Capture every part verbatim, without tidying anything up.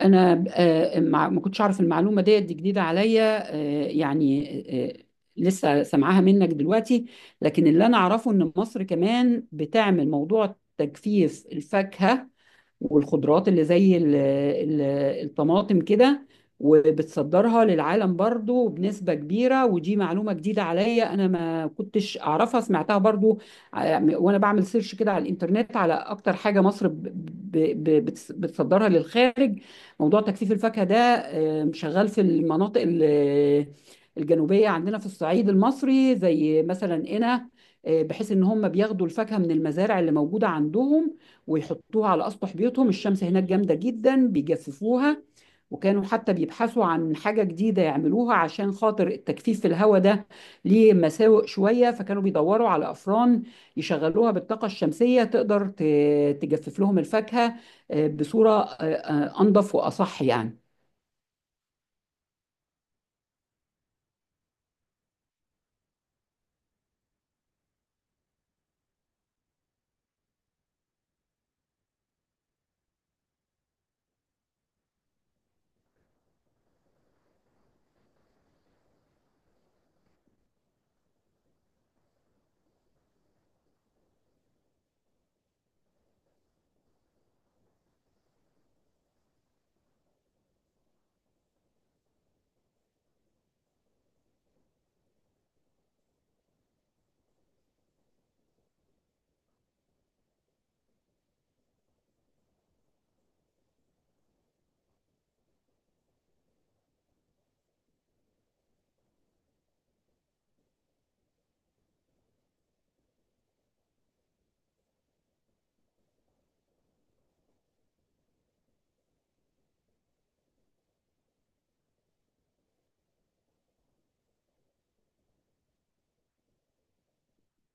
انا آه، مع- ما كنتش اعرف المعلومه ديت، دي جديده عليا، آه، يعني، آه، لسه سامعاها منك دلوقتي. لكن اللي انا اعرفه ان مصر كمان بتعمل موضوع تجفيف الفاكهه والخضروات اللي زي ال- ال- الطماطم كده، وبتصدرها للعالم برضو بنسبة كبيرة. ودي معلومة جديدة عليا، أنا ما كنتش أعرفها، سمعتها برضو ع- وأنا بعمل سيرش كده على الإنترنت على أكتر حاجة مصر ب- ب- ب- بتس- بتصدرها للخارج. موضوع تجفيف الفاكهة ده آه، شغال في المناطق ال- الجنوبية عندنا في الصعيد المصري زي مثلا قنا. آه، بحيث ان هم بياخدوا الفاكهة من المزارع اللي موجودة عندهم ويحطوها على اسطح بيوتهم، الشمس هناك جامدة جدا بيجففوها. وكانوا حتى بيبحثوا عن حاجة جديدة يعملوها عشان خاطر التجفيف في الهواء ده ليه مساوئ شوية، فكانوا بيدوروا على أفران يشغلوها بالطاقة الشمسية تقدر ت- تجفف لهم الفاكهة آه، بصورة آه، آه، أنظف وأصح يعني.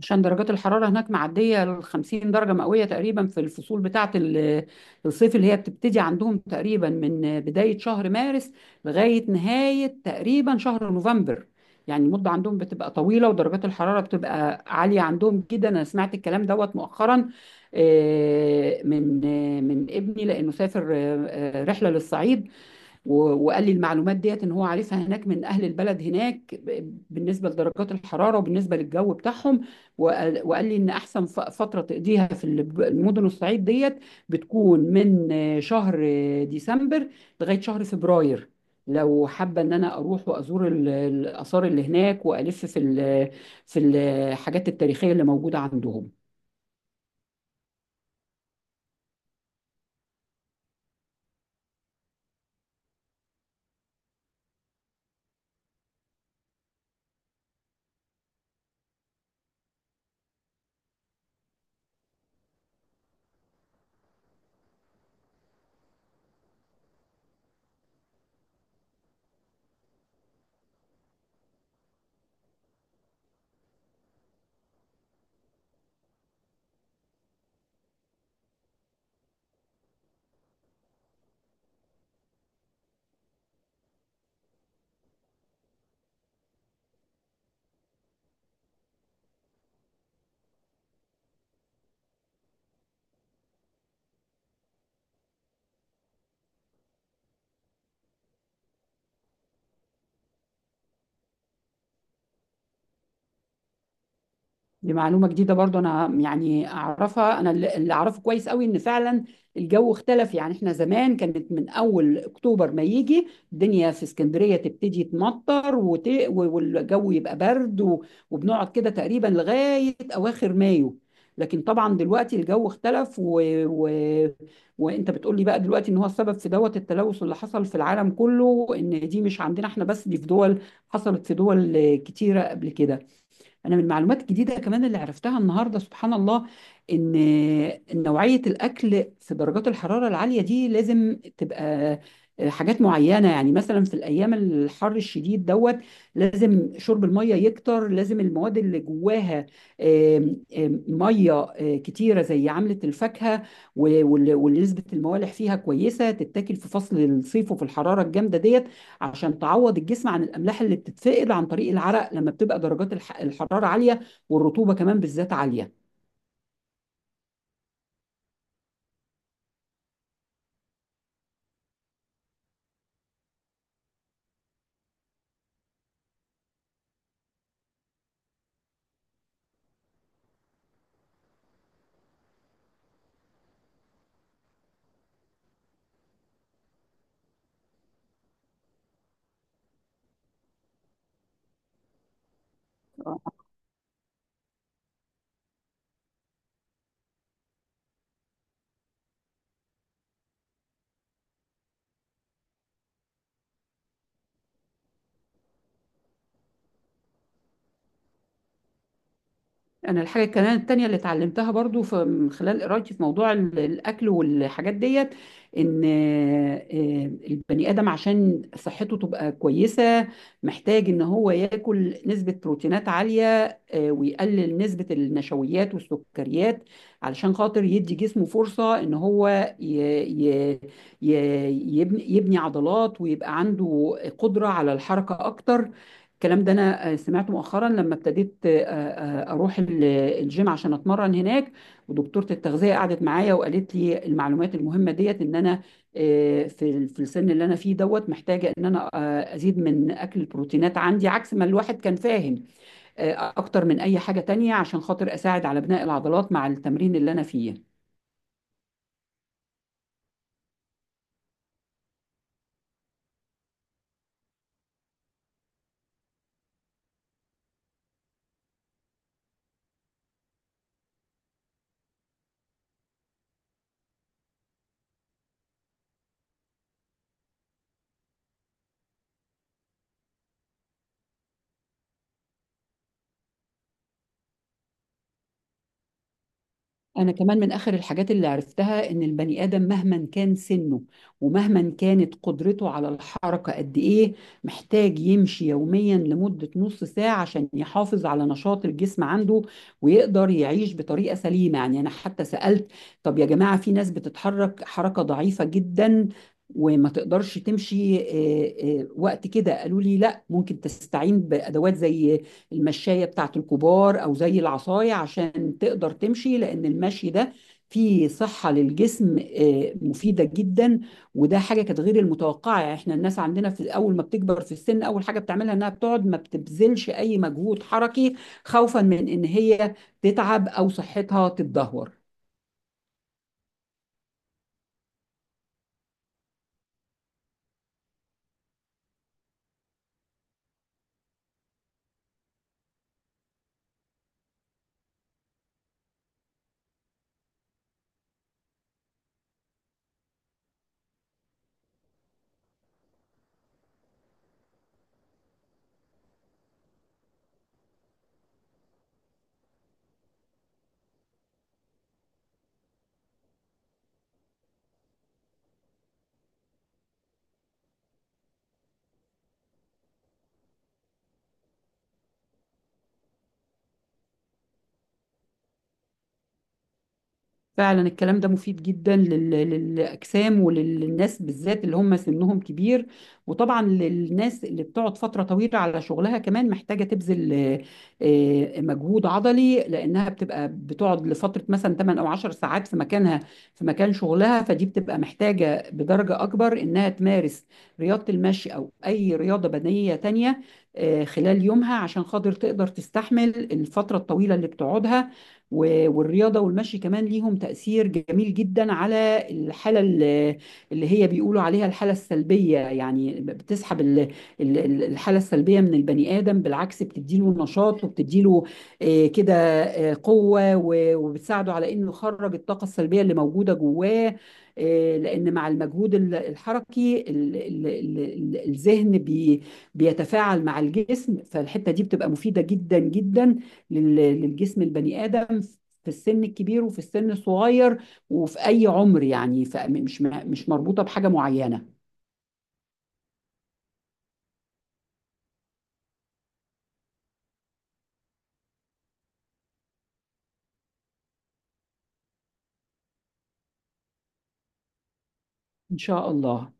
عشان درجات الحرارة هناك معدية ال خمسين درجة مئوية تقريبا في الفصول بتاعة ال- الصيف، اللي هي بتبتدي عندهم تقريبا من بداية شهر مارس لغاية نهاية تقريبا شهر نوفمبر. يعني المدة عندهم بتبقى طويلة ودرجات الحرارة بتبقى عالية عندهم جدا. أنا سمعت الكلام دوت مؤخرا آه، من آه، من ابني، لأنه سافر آه، آه، رحلة للصعيد و- وقال لي المعلومات ديت ان هو عارفها هناك من اهل البلد هناك ب- بالنسبه لدرجات الحراره وبالنسبه للجو بتاعهم. وقال وقال لي ان احسن ف- فتره تقضيها في الب- المدن الصعيد ديت بتكون من آه، شهر آه، ديسمبر لغايه شهر فبراير، لو حابه ان انا اروح وازور ال- الاثار اللي هناك والف في ال- في الحاجات التاريخيه اللي موجوده عندهم. دي معلومة جديدة برضو، أنا يعني أعرفها. أنا اللي اللي أعرفه كويس قوي إن فعلا الجو اختلف. يعني إحنا زمان كانت من أول أكتوبر ما يجي الدنيا في اسكندرية تبتدي تمطر وت... والجو يبقى برد و... وبنقعد كده تقريبا لغاية أواخر مايو. لكن طبعا دلوقتي الجو اختلف، و... و... وانت بتقولي بقى دلوقتي ان هو السبب في دوت التلوث اللي حصل في العالم كله، ان دي مش عندنا احنا بس، دي في دول، حصلت في دول كتيرة قبل كده. انا من المعلومات الجديده كمان اللي عرفتها النهارده، سبحان الله، ان نوعيه الاكل في درجات الحراره العاليه دي لازم تبقى آه، حاجات معينه. يعني مثلا في الايام الحر الشديد دوت لازم شرب الميه يكتر، لازم المواد اللي جواها آم، آم، ميه آه، كتيره زي عامله الفاكهه، و- وال- واللي نسبه الموالح فيها كويسه تتاكل في فصل الصيف وفي الحراره الجامده ديت، عشان تعوض الجسم عن الاملاح اللي بتتفقد عن طريق العرق لما بتبقى درجات الح- الحراره عاليه، والرطوبه كمان بالذات عاليه. انا الحاجه كمان التانية اللي اتعلمتها برضو في من خلال قرايتي في موضوع ال- الاكل والحاجات ديت، ان آه، البني ادم عشان صحته تبقى كويسه محتاج ان هو ياكل نسبه بروتينات عاليه، آه، ويقلل نسبه النشويات والسكريات، علشان خاطر يدي جسمه فرصه ان هو ي- ي- ي- يبني يبني عضلات ويبقى عنده قدره على الحركه اكتر. الكلام ده انا آه، سمعته مؤخرا لما ابتديت آه، آه، اروح ال- الجيم عشان اتمرن هناك. ودكتورة التغذية قعدت معايا وقالت لي المعلومات المهمة ديت ان انا، آه، في ال- في السن اللي انا فيه دوت، محتاجة ان انا آه، ازيد من اكل البروتينات عندي، عكس ما الواحد كان فاهم، آه، اكتر من اي حاجة تانية، عشان خاطر اساعد على بناء العضلات مع التمرين اللي انا فيه. أنا كمان من آخر الحاجات اللي عرفتها إن البني آدم مهما كان سنه ومهما كانت قدرته على الحركة قد إيه، محتاج يمشي يوميا لمدة نص ساعة عشان يحافظ على نشاط الجسم عنده ويقدر يعيش بطريقة سليمة. يعني أنا حتى سألت، طب يا جماعة، في ناس بتتحرك حركة ضعيفة جدا وما تقدرش تمشي آه، آه، وقت كده، قالوا لي لا، ممكن تستعين بأدوات زي المشاية بتاعت الكبار أو زي العصاية عشان تقدر تمشي، لأن المشي ده فيه صحة للجسم آه، مفيدة جدا. وده حاجة كانت غير المتوقعة، يعني احنا الناس عندنا، في أول ما بتكبر في السن أول حاجة بتعملها إنها بتقعد، ما بتبذلش أي مجهود حركي خوفا من إن هي تتعب أو صحتها تتدهور. فعلا الكلام ده مفيد جدا لل- للأجسام وللناس، بالذات اللي هم سنهم كبير. وطبعا للناس اللي بتقعد فترة طويلة على شغلها، كمان محتاجة تبذل آه، آه، مجهود عضلي، لأنها بتبقى بتقعد لفترة مثلا تمانية أو عشر ساعات في مكانها، في مكان شغلها، فدي بتبقى محتاجة بدرجة أكبر إنها تمارس رياضة المشي أو أي رياضة بدنية تانية آه، خلال يومها عشان خاطر تقدر تستحمل الفترة الطويلة اللي بتقعدها. و- والرياضة والمشي كمان ليهم تأثير جميل جدا على الحالة ال- اللي هي بيقولوا عليها الحالة السلبية، يعني بتسحب ال- ال- ال- الحالة السلبية من البني آدم، بالعكس بتديله نشاط وبتديله آه، كده آه، قوة، و- وبتساعده على إنه يخرج الطاقة السلبية اللي موجودة جواه، آه، لأن مع المجهود ال- الحركي ال- ال- ال- ال- الذهن بي- بيتفاعل مع الجسم، فالحتة دي بتبقى مفيدة جدا جدا لل- للجسم البني آدم، في السن الكبير وفي السن الصغير وفي أي عمر يعني، فمش مش مربوطة بحاجة معينة. إن شاء الله.